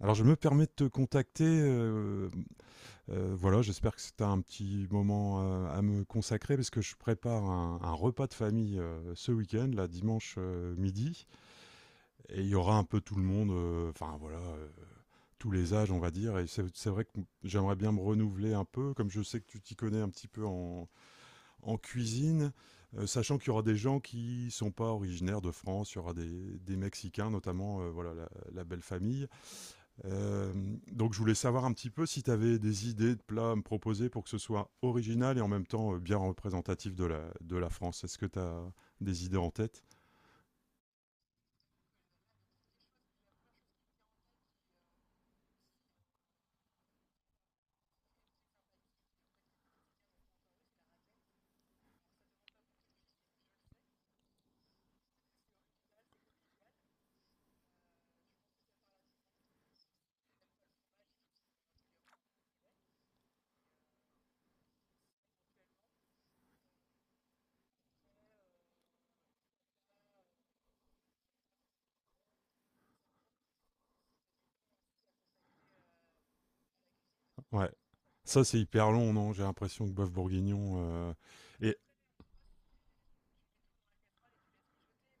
Alors je me permets de te contacter, voilà, j'espère que c'est un petit moment, à me consacrer parce que je prépare un repas de famille, ce week-end, là, dimanche, midi. Et il y aura un peu tout le monde, enfin voilà, tous les âges, on va dire. Et c'est vrai que j'aimerais bien me renouveler un peu, comme je sais que tu t'y connais un petit peu en cuisine, sachant qu'il y aura des gens qui sont pas originaires de France. Il y aura des Mexicains notamment, voilà, la belle famille. euh, donc je voulais savoir un petit peu si tu avais des idées de plats à me proposer, pour que ce soit original et en même temps bien représentatif de la France. Est-ce que tu as des idées en tête? Ouais. Ça, c'est hyper long, non? J'ai l'impression que bœuf bourguignon... Et...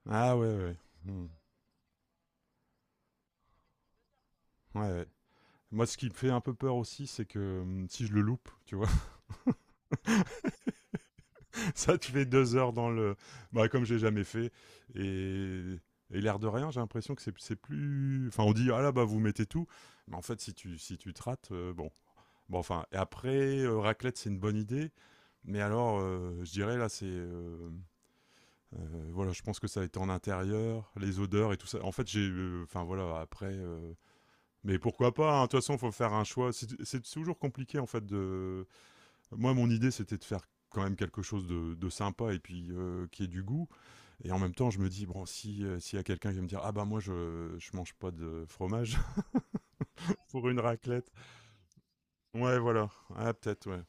Ah, ouais, ouais. Hmm. Ouais, ouais. Moi, ce qui me fait un peu peur aussi, c'est que, si je le loupe, tu vois. Ça, tu fais 2 heures dans le. Bah, comme j'ai jamais fait. Et, et l'air de rien, j'ai l'impression que c'est plus. Enfin, on dit, ah là, bah, vous mettez tout. Mais en fait, si tu te rates, bon. Bon, enfin, et après, raclette, c'est une bonne idée. Mais alors, je dirais, là, c'est. Voilà, je pense que ça a été en intérieur, les odeurs et tout ça. En fait, j'ai. Enfin, voilà, après. Mais pourquoi pas, hein? De toute façon, il faut faire un choix. C'est toujours compliqué, en fait, de moi, mon idée, c'était de faire quand même quelque chose de sympa et puis, qui ait du goût. Et en même temps, je me dis, bon, si, s'il y a quelqu'un qui va me dire, ah bah moi, je mange pas de fromage pour une raclette. Ouais, voilà. Ah, peut-être, ouais.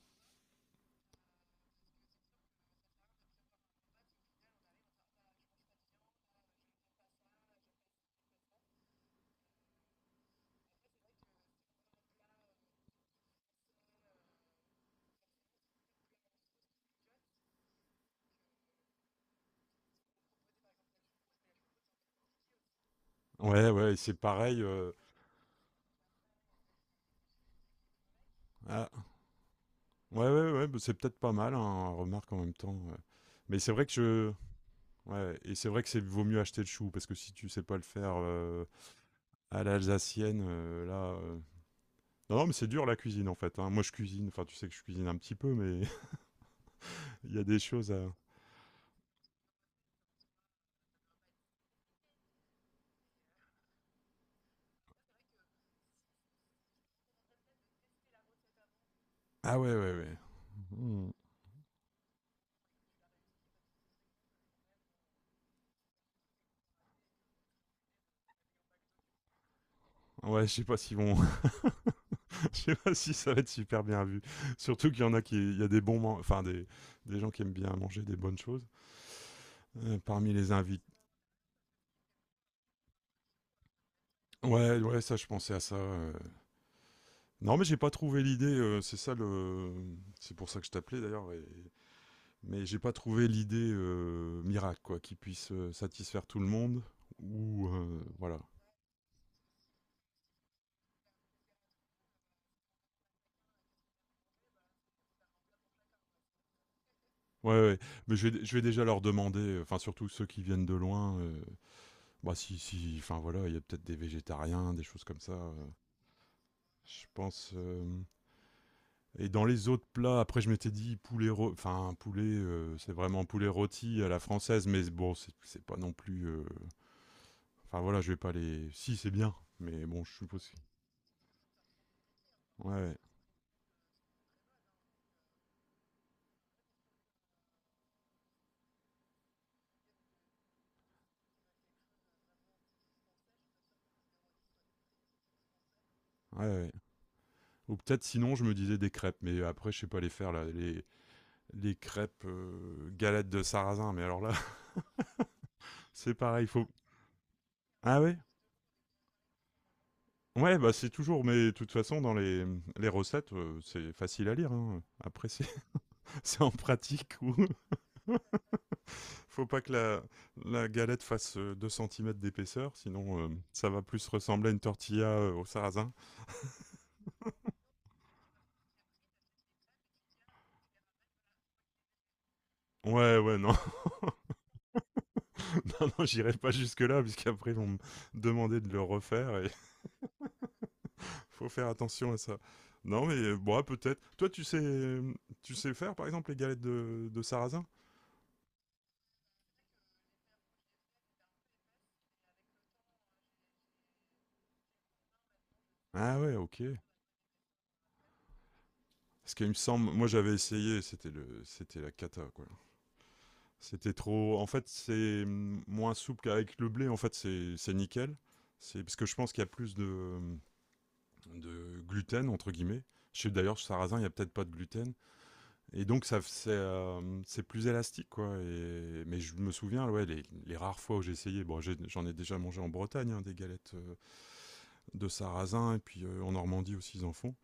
Ouais, ouais, et c'est pareil. Ah, ouais, ouais, ouais, bah, c'est peut-être pas mal, hein, remarque en même temps. Ouais. Mais c'est vrai que je. Ouais, et c'est vrai que c'est vaut mieux acheter le chou, parce que si tu sais pas le faire, à l'alsacienne, là. Non, non, mais c'est dur, la cuisine, en fait, hein. Moi je cuisine, enfin tu sais que je cuisine un petit peu, mais... Il y a des choses à. Ah, ouais, ouais, ouais. Hmm. Ouais, je sais pas s'ils vont, je sais pas si ça va être super bien vu. Surtout qu'il y en a qui, il y a des bons, enfin des gens qui aiment bien manger des bonnes choses, parmi les invités. Ouais, ouais, ça, je pensais à ça. Non, mais j'ai pas trouvé l'idée. C'est ça, le, c'est pour ça que je t'appelais d'ailleurs. Mais j'ai pas trouvé l'idée miracle, quoi, qui puisse satisfaire tout le monde, ou voilà. Ouais, ouais. Mais je vais déjà leur demander, enfin surtout ceux qui viennent de loin, bah si, si, enfin voilà, il y a peut-être des végétariens, des choses comme ça. Je pense. Et dans les autres plats, après, je m'étais dit poulet, enfin poulet, c'est vraiment poulet rôti à la française, mais bon, c'est pas non plus. Enfin voilà, je vais pas les. Si c'est bien, mais bon, je suppose. Si. Ouais, ouais, ouais. Ou peut-être sinon, je me disais, des crêpes, mais après je sais pas les faire, là, les crêpes, galettes de sarrasin, mais alors là, c'est pareil, faut. Ah ouais? Ouais, bah c'est toujours, mais de toute façon, dans les recettes, c'est facile à lire, hein. Après, c'est c'est en pratique où faut pas que la galette fasse 2 cm d'épaisseur, sinon ça va plus ressembler à une tortilla au sarrasin. Ouais, ouais, non, non, non, j'irai pas jusque-là, puisqu'après, ils vont me demander de le refaire. Et faut faire attention à ça. Non, mais bon, ouais, peut-être. Toi, tu sais faire, par exemple, les galettes de sarrasin? Ah, ouais, ok. Parce qu'il me semble, moi j'avais essayé, c'était la cata, quoi. C'était trop. En fait, c'est moins souple qu'avec le blé. En fait, c'est nickel. C'est parce que je pense qu'il y a plus de gluten, entre guillemets. Je sais d'ailleurs, chez sarrasin, il y a peut-être pas de gluten. Et donc ça, c'est plus élastique, quoi. Et, mais je me souviens, ouais, les rares fois où j'ai essayé, bon, j'en ai déjà mangé en Bretagne, hein, des galettes de sarrasin et puis en Normandie aussi, ils en font.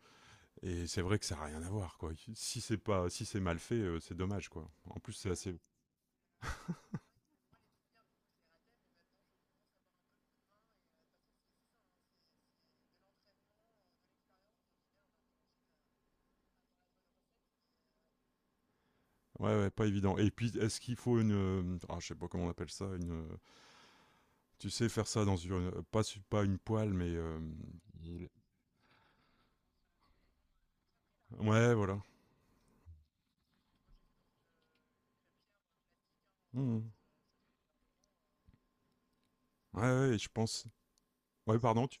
Et c'est vrai que ça n'a rien à voir, quoi. Si c'est pas, si c'est mal fait, c'est dommage, quoi. En plus, c'est assez, ouais, ouais, pas évident. Et puis, est-ce qu'il faut une, ah, je sais pas comment on appelle ça, une, tu sais, faire ça dans une, pas une poêle, mais, ouais, voilà. Mhm. Ouais, ouais, je pense, ouais, pardon,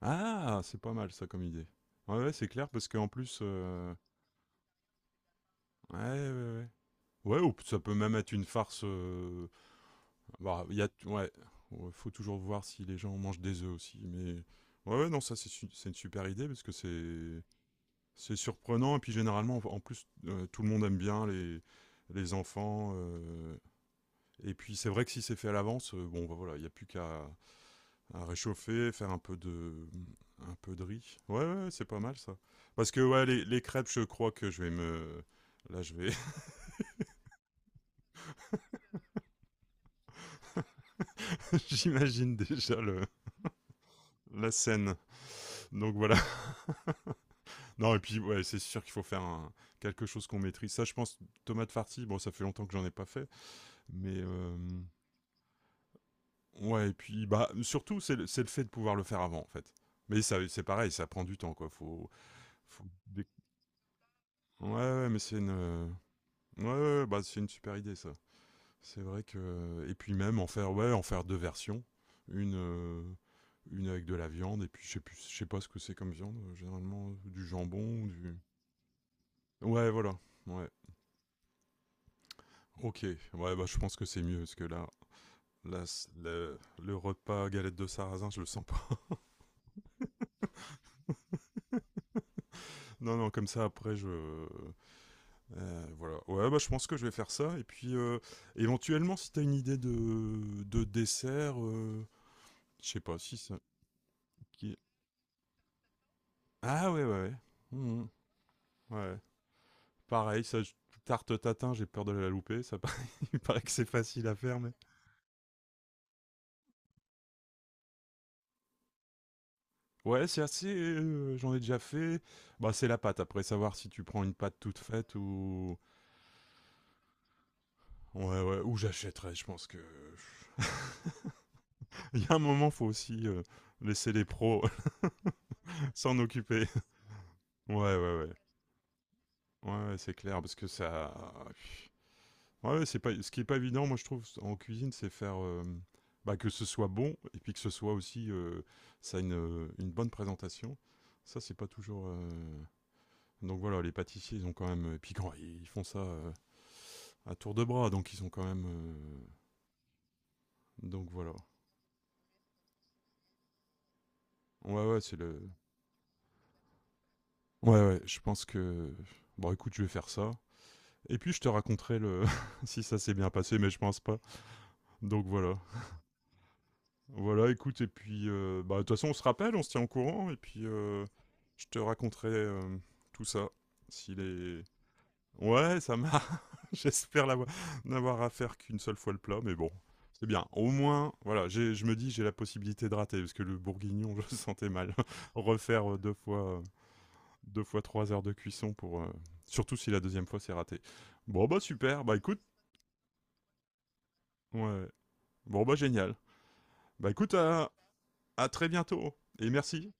ah, c'est pas mal ça comme idée. Ouais, ouais, c'est clair, parce qu'en plus, ouais, ouais, ouais. Ouais, ou ça peut même être une farce. Bah, il y a, ouais, ouais, faut toujours voir si les gens mangent des œufs aussi. Mais ouais, ouais, non, ça c'est une super idée parce que c'est surprenant et puis généralement en plus tout le monde aime bien les enfants. Et puis c'est vrai que si c'est fait à l'avance, bon bah voilà, il n'y a plus qu'à à réchauffer, faire un peu de riz. Ouais, ouais, ouais, c'est pas mal, ça. Parce que ouais, les crêpes, je crois que je vais me là je vais j'imagine déjà le la scène. Donc voilà. Non, et puis, ouais, c'est sûr qu'il faut faire quelque chose qu'on maîtrise. Ça, je pense, tomate farci, bon, ça fait longtemps que j'en ai pas fait, mais... ouais, et puis, bah, surtout, c'est le fait de pouvoir le faire avant, en fait. Mais ça, c'est pareil, ça prend du temps, quoi. Faut dé- Ouais, ouais, mais c'est une... Ouais, ouais, bah, c'est une super idée, ça. C'est vrai que... Et puis même, en faire, ouais, en faire deux versions. Une... euh, Une avec de la viande, et puis je sais plus, je sais pas ce que c'est comme viande, généralement du jambon, ou du... Ouais, voilà, ouais. OK, ouais, bah, je pense que c'est mieux, parce que le repas galette de sarrasin, je le sens pas. Non, non, comme ça après je, voilà. Ouais, bah je pense que je vais faire ça et puis, éventuellement, si t'as une idée de dessert, je sais pas si ça... qui... Ah, ouais, ouais, ouais. Mhm. Ouais. Pareil, tarte tatin, j'ai peur de la louper, ça paraît, il paraît que c'est facile à faire, mais... Ouais, c'est assez, j'en ai déjà fait. Bah c'est la pâte, après, savoir si tu prends une pâte toute faite ou... Ouais, ouais, ou j'achèterais, je pense que... Il y a un moment, faut aussi, laisser les pros s'en occuper. Ouais, ouais, ouais. Ouais, ouais, c'est clair, parce que ça... Ouais, ouais, c'est pas... ce qui est pas évident, moi, je trouve, en cuisine, c'est faire... bah, que ce soit bon, et puis que ce soit aussi... ça a une bonne présentation. Ça, c'est pas toujours... Donc voilà, les pâtissiers, ils ont quand même... Et puis quand ils font ça, à tour de bras, donc ils ont quand même... Donc voilà. Ouais, ouais, c'est le... Ouais, ouais, je pense que, bon, écoute, je vais faire ça. Et puis je te raconterai le si ça s'est bien passé, mais je pense pas. Donc voilà. Voilà, écoute, et puis, bah, de toute façon, on se rappelle, on se tient au courant, et puis, je te raconterai, tout ça. S'il est. Ouais, ça m'a. J'espère n'avoir à faire qu'une seule fois le plat, mais bon. C'est bien, au moins. Voilà, je me dis j'ai la possibilité de rater, parce que le bourguignon, je le sentais mal. Refaire deux fois. Deux fois 3 heures de cuisson, pour. Surtout si la deuxième fois c'est raté. Bon, bah super, bah écoute, ouais. Bon, bah génial. Bah écoute, à très bientôt et merci.